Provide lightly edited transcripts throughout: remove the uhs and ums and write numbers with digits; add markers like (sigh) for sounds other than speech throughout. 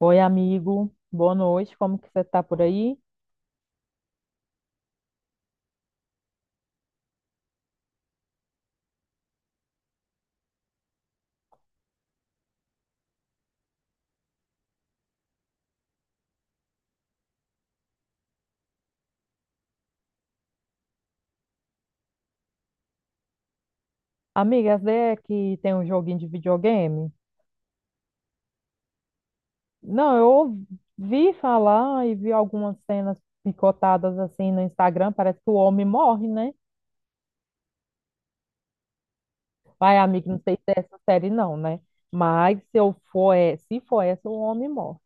Oi, amigo. Boa noite. Como que você tá por aí? Amiga, essa ideia é que tem um joguinho de videogame? Não, eu ouvi falar e vi algumas cenas picotadas assim no Instagram. Parece que o homem morre, né? Vai, amigo, não sei se é essa série não, né? Mas se eu for, é, se for essa, o homem morre.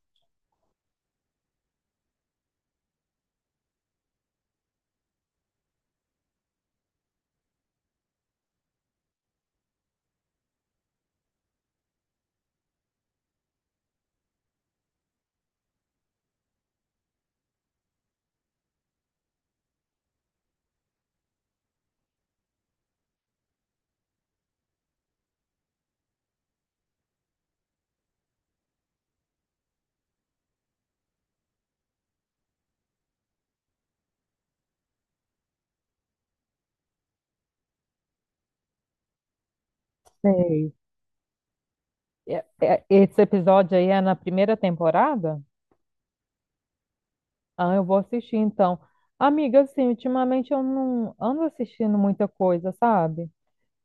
Sei. Esse episódio aí é na primeira temporada? Ah, eu vou assistir então. Amiga, assim, ultimamente eu não ando assistindo muita coisa, sabe?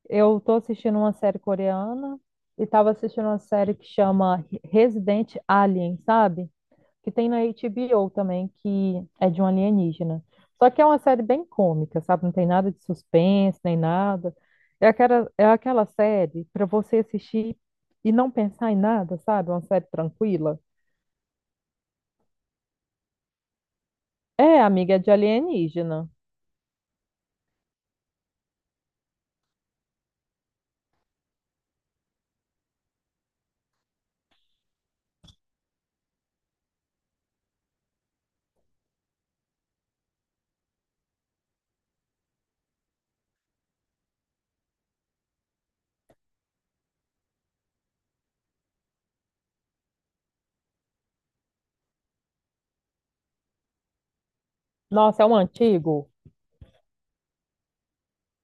Eu tô assistindo uma série coreana e tava assistindo uma série que chama Resident Alien, sabe? Que tem na HBO também, que é de um alienígena. Só que é uma série bem cômica, sabe? Não tem nada de suspense, nem nada. É aquela série para você assistir e não pensar em nada, sabe? Uma série tranquila. É, amiga, é de alienígena. Nossa, é um antigo.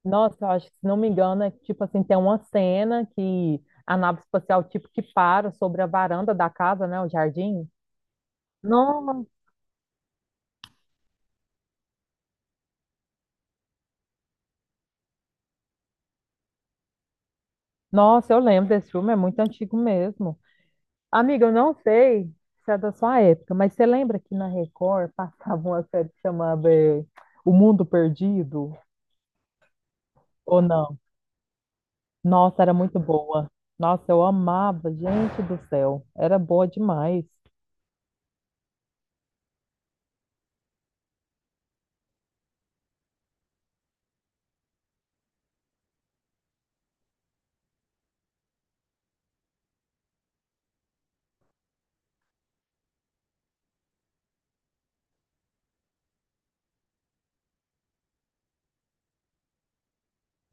Nossa, eu acho que, se não me engano, é que, tipo assim, tem uma cena que a nave espacial, tipo, que para sobre a varanda da casa, né, o jardim. Não. Nossa, eu lembro desse filme, é muito antigo mesmo. Amiga, eu não sei se é da sua época, mas você lembra que na Record (laughs) passava uma série que chamava O Mundo Perdido? Ou não? Nossa, era muito boa. Nossa, eu amava, gente do céu. Era boa demais.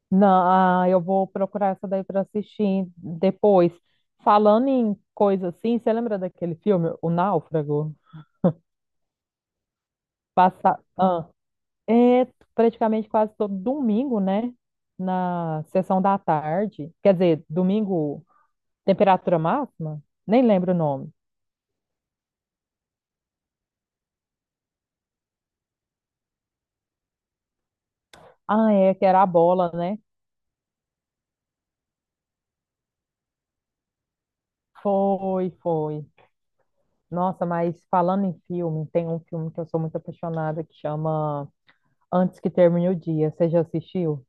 Não, ah, eu vou procurar essa daí para assistir depois. Falando em coisa assim, você lembra daquele filme, O Náufrago? Passa, ah, é praticamente quase todo domingo, né? Na sessão da tarde. Quer dizer, domingo, temperatura máxima? Nem lembro o nome. Ah, é, que era a bola, né? Foi, foi. Nossa, mas falando em filme, tem um filme que eu sou muito apaixonada que chama Antes que Termine o Dia. Você já assistiu?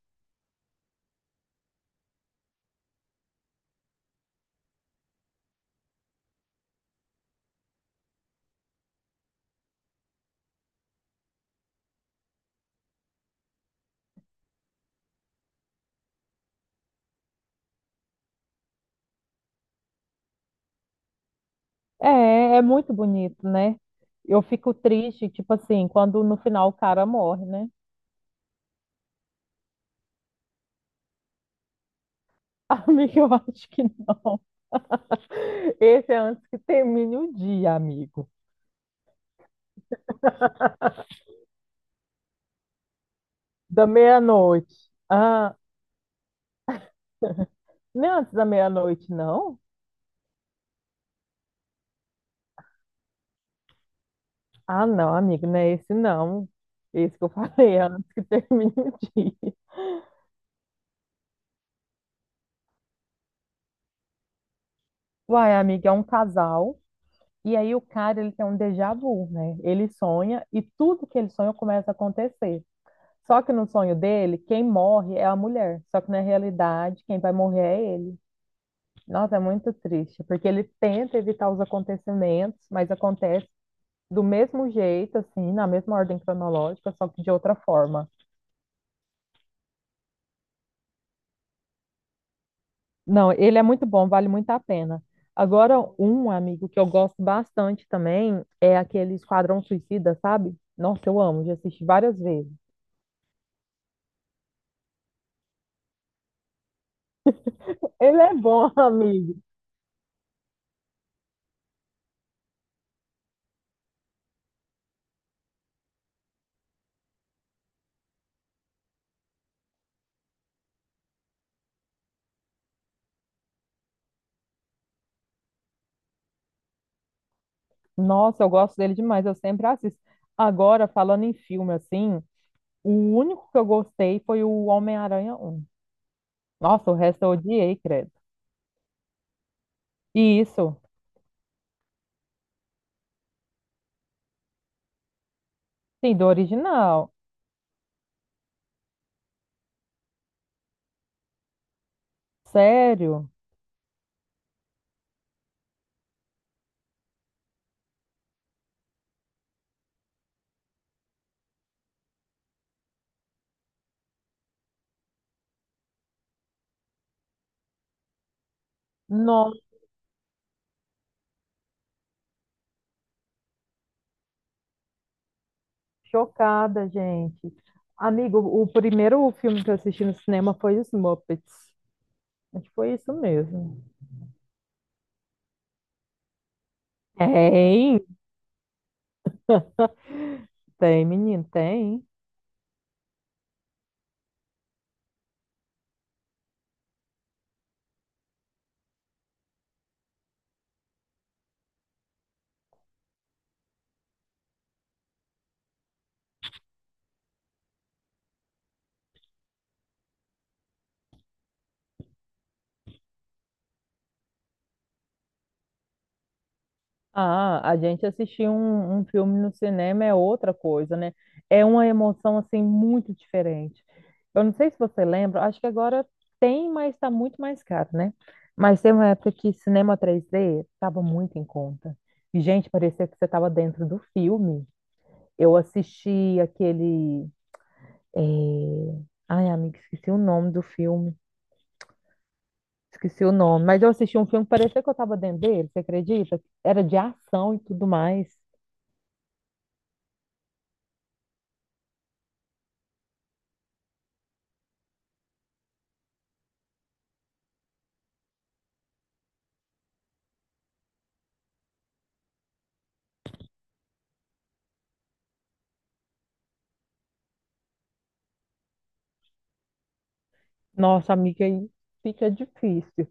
É, é muito bonito, né? Eu fico triste, tipo assim, quando no final o cara morre, né? (laughs) Amigo, eu acho que não. (laughs) Esse é antes que termine o dia, amigo. Da meia-noite. Ah, não é antes da meia-noite, não? Ah, não, amigo, não é esse, não. Esse que eu (laughs) falei, é antes que termine o dia. Uai, amigo, é um casal. E aí o cara, ele tem um déjà vu, né? Ele sonha e tudo que ele sonha começa a acontecer. Só que no sonho dele, quem morre é a mulher. Só que na realidade, quem vai morrer é ele. Nossa, é muito triste, porque ele tenta evitar os acontecimentos, mas acontece do mesmo jeito, assim, na mesma ordem cronológica, só que de outra forma. Não, ele é muito bom, vale muito a pena. Agora, um amigo que eu gosto bastante também é aquele Esquadrão Suicida, sabe? Nossa, eu amo, já assisti várias vezes. Ele é bom, (laughs) amigo. Nossa, eu gosto dele demais, eu sempre assisto. Agora, falando em filme assim, o único que eu gostei foi o Homem-Aranha um. Nossa, o resto eu odiei, credo. E isso, sim, do original. Sério? Nossa, chocada, gente. Amigo, o primeiro filme que eu assisti no cinema foi Os Muppets. Acho que foi isso mesmo. Tem, tem, menino, tem. Ah, a gente assistir um filme no cinema é outra coisa, né? É uma emoção assim muito diferente. Eu não sei se você lembra, acho que agora tem, mas está muito mais caro, né? Mas tem uma época que cinema 3D estava muito em conta. E, gente, parecia que você estava dentro do filme. Eu assisti aquele. eh, Ai, amiga, esqueci o nome do filme. Esqueci o nome. Mas eu assisti um filme que parecia que eu estava dentro dele, você acredita? Era de ação e tudo mais. Nossa, amiga, aí fica difícil,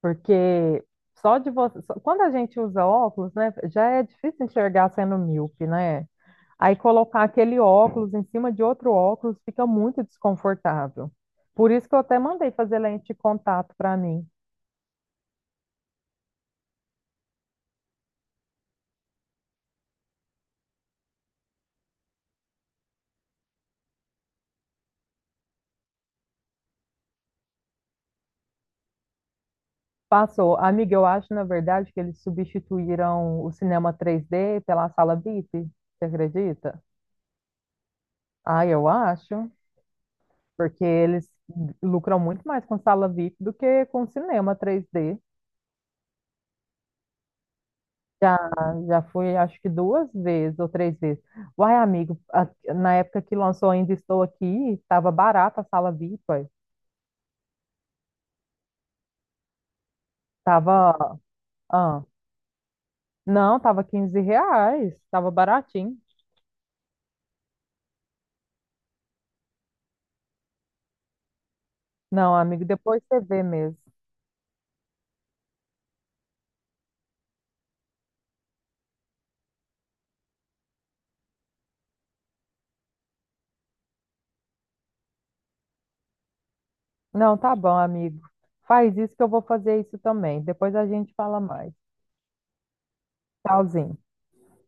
porque só de você. Só- Quando a gente usa óculos, né, já é difícil enxergar sendo míope, né? Aí colocar aquele óculos em cima de outro óculos fica muito desconfortável. Por isso que eu até mandei fazer lente de contato para mim. Passou. Amiga, eu acho, na verdade, que eles substituíram o cinema 3D pela sala VIP, você acredita? Ah, eu acho, porque eles lucram muito mais com sala VIP do que com cinema 3D. Já, já fui, acho que duas vezes ou três vezes. Uai, amigo, na época que lançou Ainda Estou Aqui, estava barata a sala VIP. Ué. Tava, ah, não, tava R$ 15, tava baratinho. Não, amigo, depois você vê mesmo. Não, tá bom, amigo. Faz isso que eu vou fazer isso também. Depois a gente fala mais. Tchauzinho.